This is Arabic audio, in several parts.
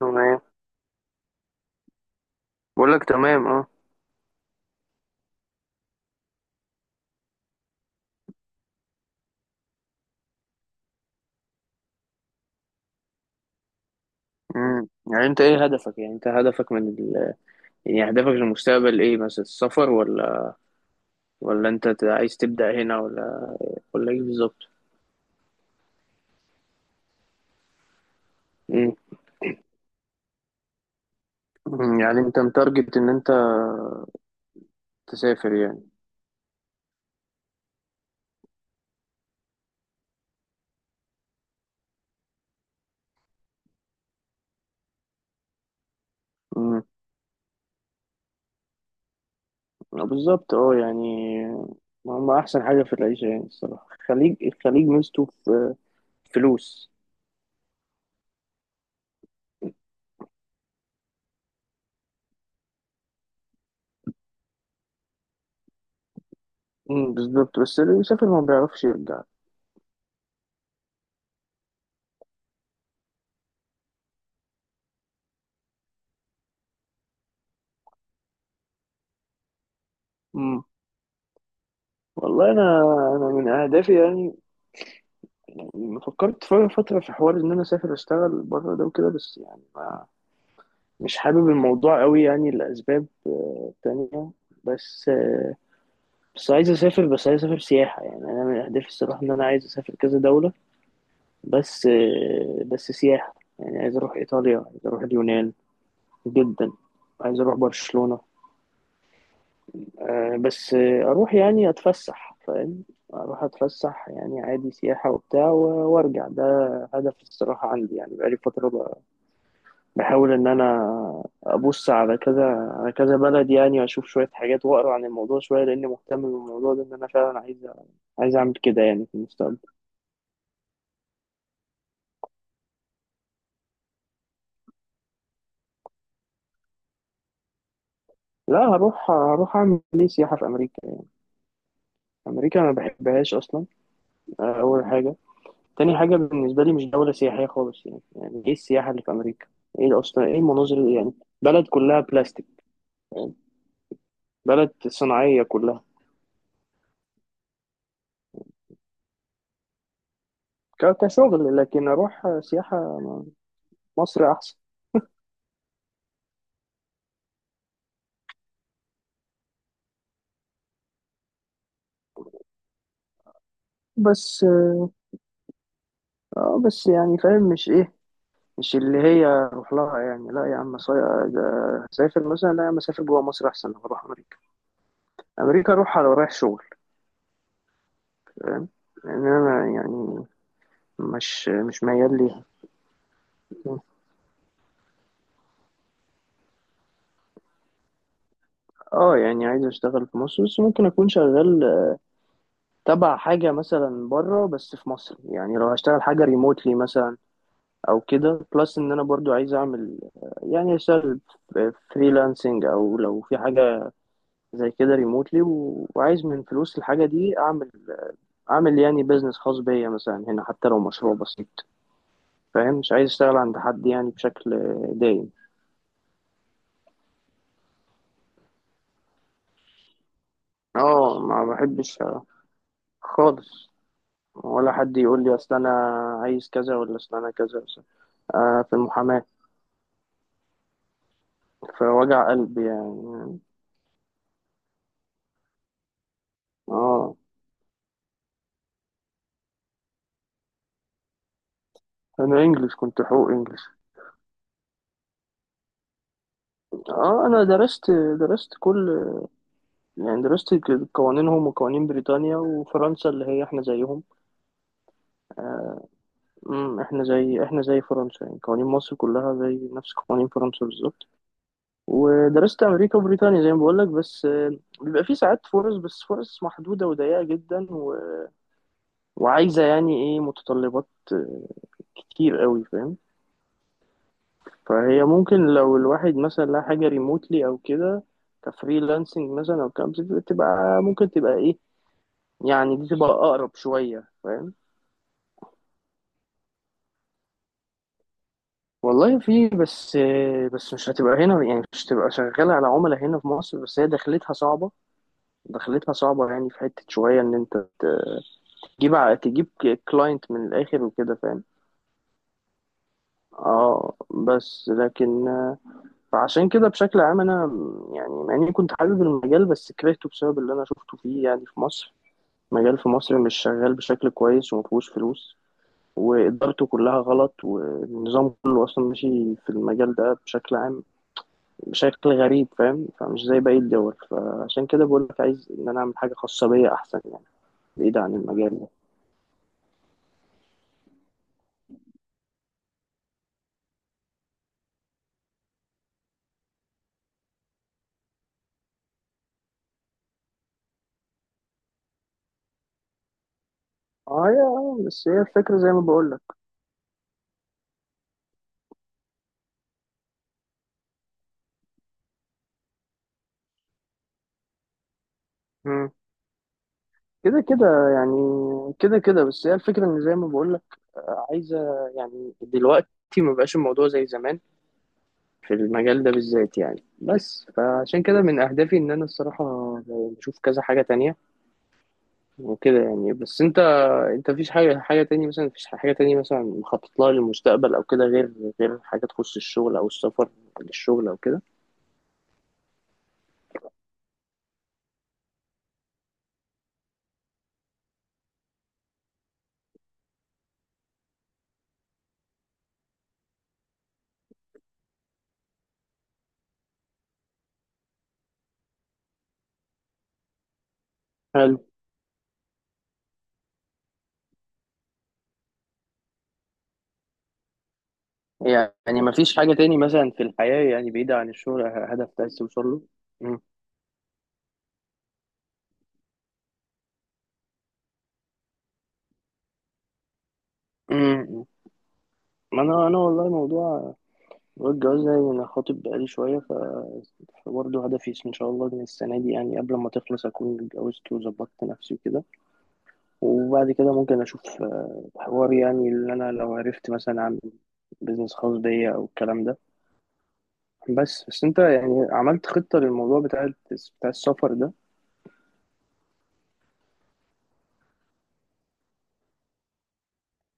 تمام. بقول لك تمام اه. يعني انت ايه هدفك؟ يعني انت هدفك من ال... يعني هدفك للمستقبل ايه، مثلا السفر ولا انت عايز تبدأ هنا، ولا ايه بالظبط؟ امم أمم، يعني انت متارجت ان انت تسافر يعني. امم آه، بالظبط اه يعني. ما هم احسن حاجة في العيشة يعني الصراحة، الخليج. الخليج ميزته في فلوس. بالظبط، بس اللي بيسافر ما بيعرفش يرجع. امم والله، انا من اهدافي يعني. يعني فكرت فترة في حوار إن أنا أسافر أشتغل بره ده وكده، بس يعني ما مش حابب الموضوع قوي، يعني لأسباب تانية. بس آه، بس عايز أسافر سياحة، يعني أنا من أهدافي الصراحة إن أنا عايز أسافر كذا دولة. بس سياحة، يعني عايز أروح إيطاليا، عايز أروح اليونان جدا، عايز أروح برشلونة. بس آه، أروح يعني أتفسح، فاهم؟ أروح أتفسح يعني عادي، سياحة وبتاع وأرجع. ده هدف الصراحة عندي، يعني بقالي فترة بحاول ان انا ابص على كذا بلد يعني، واشوف شويه حاجات واقرا عن الموضوع شويه، لاني مهتم بالموضوع ده ان انا فعلا عايز اعمل كده يعني في المستقبل. لا، هروح اعمل ليه سياحه في امريكا؟ امريكا انا ما بحبهاش اصلا. اول حاجه. تاني حاجه، بالنسبه لي مش دوله سياحيه خالص، يعني ايه السياحه اللي في امريكا؟ ايه اصلا، ايه المناظر يعني بلد كلها بلاستيك يعني، بلد صناعيه كلها. كشغل، لكن اروح سياحه؟ مصر احسن. بس اه، بس يعني فاهم؟ مش ايه، مش اللي هي اروح لها يعني. لا يا عم، ده اسافر مثلا، لا يا عم. اسافر جوه مصر احسن لما اروح امريكا. امريكا اروح على رايح شغل، فاهم؟ لان انا يعني مش ميال ليها. اه يعني عايز اشتغل في مصر، بس ممكن اكون شغال تبع حاجه مثلا بره بس في مصر، يعني لو هشتغل حاجه ريموتلي مثلا او كده. بلس ان انا برضو عايز اعمل، يعني اشتغل فريلانسنج او لو في حاجه زي كده ريموتلي، وعايز من فلوس الحاجه دي اعمل يعني بيزنس خاص بيا مثلا هنا، حتى لو مشروع بسيط. فاهم؟ مش عايز اشتغل عند حد يعني بشكل دايم. اه ما بحبش خالص. ولا حد يقول لي اصل انا عايز كذا، ولا اصل انا كذا في المحاماة. في وجع قلب يعني. اه انا انجلش، كنت حقوق انجلش. اه انا درست درست كل يعني درست قوانينهم وقوانين بريطانيا وفرنسا اللي هي احنا زيهم. احنا زي فرنسا يعني. قوانين مصر كلها زي نفس قوانين فرنسا بالظبط. ودرست امريكا وبريطانيا زي ما بقول لك. بس آه، بيبقى في ساعات فرص، بس فرص محدوده وضيقه جدا وعايزه يعني ايه، متطلبات كتير قوي، فاهم؟ فهي ممكن لو الواحد مثلا لها حاجه ريموتلي او كده، كفريلانسنج مثلا او كام، تبقى ممكن تبقى ايه، يعني دي تبقى اقرب شويه، فاهم؟ والله في، بس مش هتبقى هنا، يعني مش هتبقى شغاله على عملاء هنا في مصر. بس هي دخلتها صعبه. يعني في حته شويه ان انت تجيب كلاينت من الاخر وكده، فاهم؟ اه بس لكن فعشان كده بشكل عام انا يعني مع اني كنت حابب المجال، بس كرهته بسبب اللي انا شفته فيه يعني في مصر. مجال في مصر مش شغال بشكل كويس، ومفيهوش فلوس. وإدارته كلها غلط، والنظام كله أصلا ماشي في المجال ده بشكل عام، بشكل غريب، فاهم؟ فمش زي باقي الدول. فعشان كده بقول لك عايز إن أنا أعمل حاجة خاصة بيا أحسن يعني، بعيد عن المجال ده. اه يا بس هي الفكرة زي ما بقول لك. كده كده يعني. كده كده بس هي الفكرة ان زي ما بقولك عايزة يعني، دلوقتي ما بقاش الموضوع زي زمان في المجال ده بالذات يعني. بس فعشان كده من اهدافي ان انا الصراحة بشوف كذا حاجة تانية وكده يعني. بس انت مفيش حاجة تانية مثلا، مفيش حاجة تانية مثلا مخطط لها للمستقبل او كده، غير حاجة تخص الشغل او السفر للشغل او كده؟ حلو، يعني مفيش حاجة تاني مثلا في الحياة يعني بعيدة عن الشغل، هدف عايز توصل له؟ مم. ما انا والله، موضوع الجواز ده، يعني انا خاطب بقالي شويه برضه هدفي ان شاء الله ان السنه دي، يعني قبل ما تخلص، اكون اتجوزت وظبطت نفسي وكده. وبعد كده ممكن اشوف حوار يعني اللي انا لو عرفت مثلا اعمل بيزنس خاص بيا او الكلام ده. بس انت يعني عملت خطه للموضوع بتاع السفر ده؟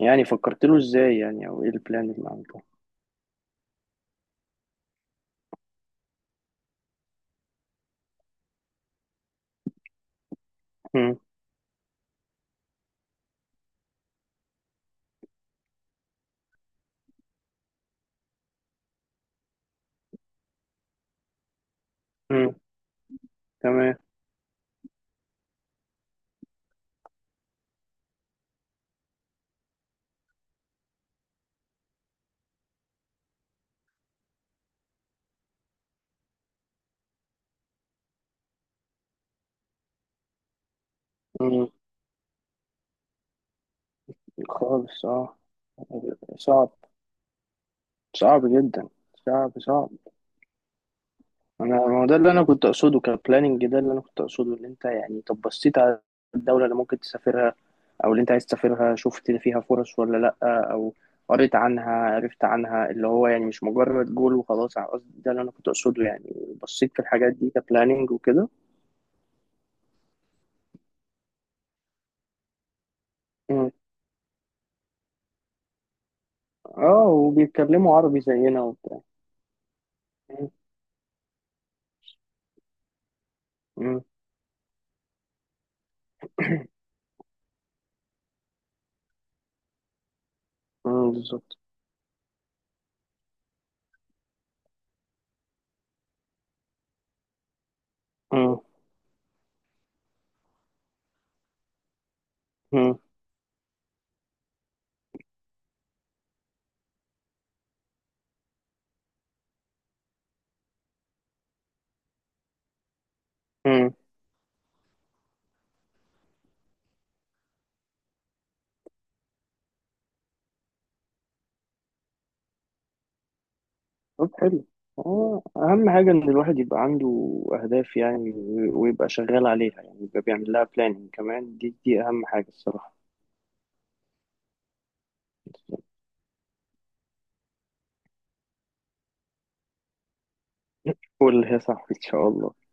يعني فكرت له ازاي يعني، او ايه البلان اللي عملته؟ مم. مم. تمام. مم. خالص اه. صعب. صعب جدا. صعب صعب. انا، ما هو ده اللي انا كنت اقصده كبلاننج. ده اللي انا كنت اقصده، ان انت يعني طب بصيت على الدوله اللي ممكن تسافرها او اللي انت عايز تسافرها، شفت فيها فرص ولا لا؟ او قريت عنها، عرفت عنها اللي هو يعني مش مجرد جول وخلاص؟ على قصدي، ده اللي انا كنت اقصده يعني، بصيت في الحاجات دي كبلاننج وكده؟ مم. اه وبيتكلموا عربي زينا وبتاع. مم. مم. مم، بالظبط. مم. مم. مم. طب حلو. اه اهم حاجه ان الواحد يبقى عنده اهداف يعني، ويبقى شغال عليها يعني، يبقى بيعمل لها بلاننج كمان. دي اهم حاجه الصراحه. قول يا صاحبي، ان شاء الله.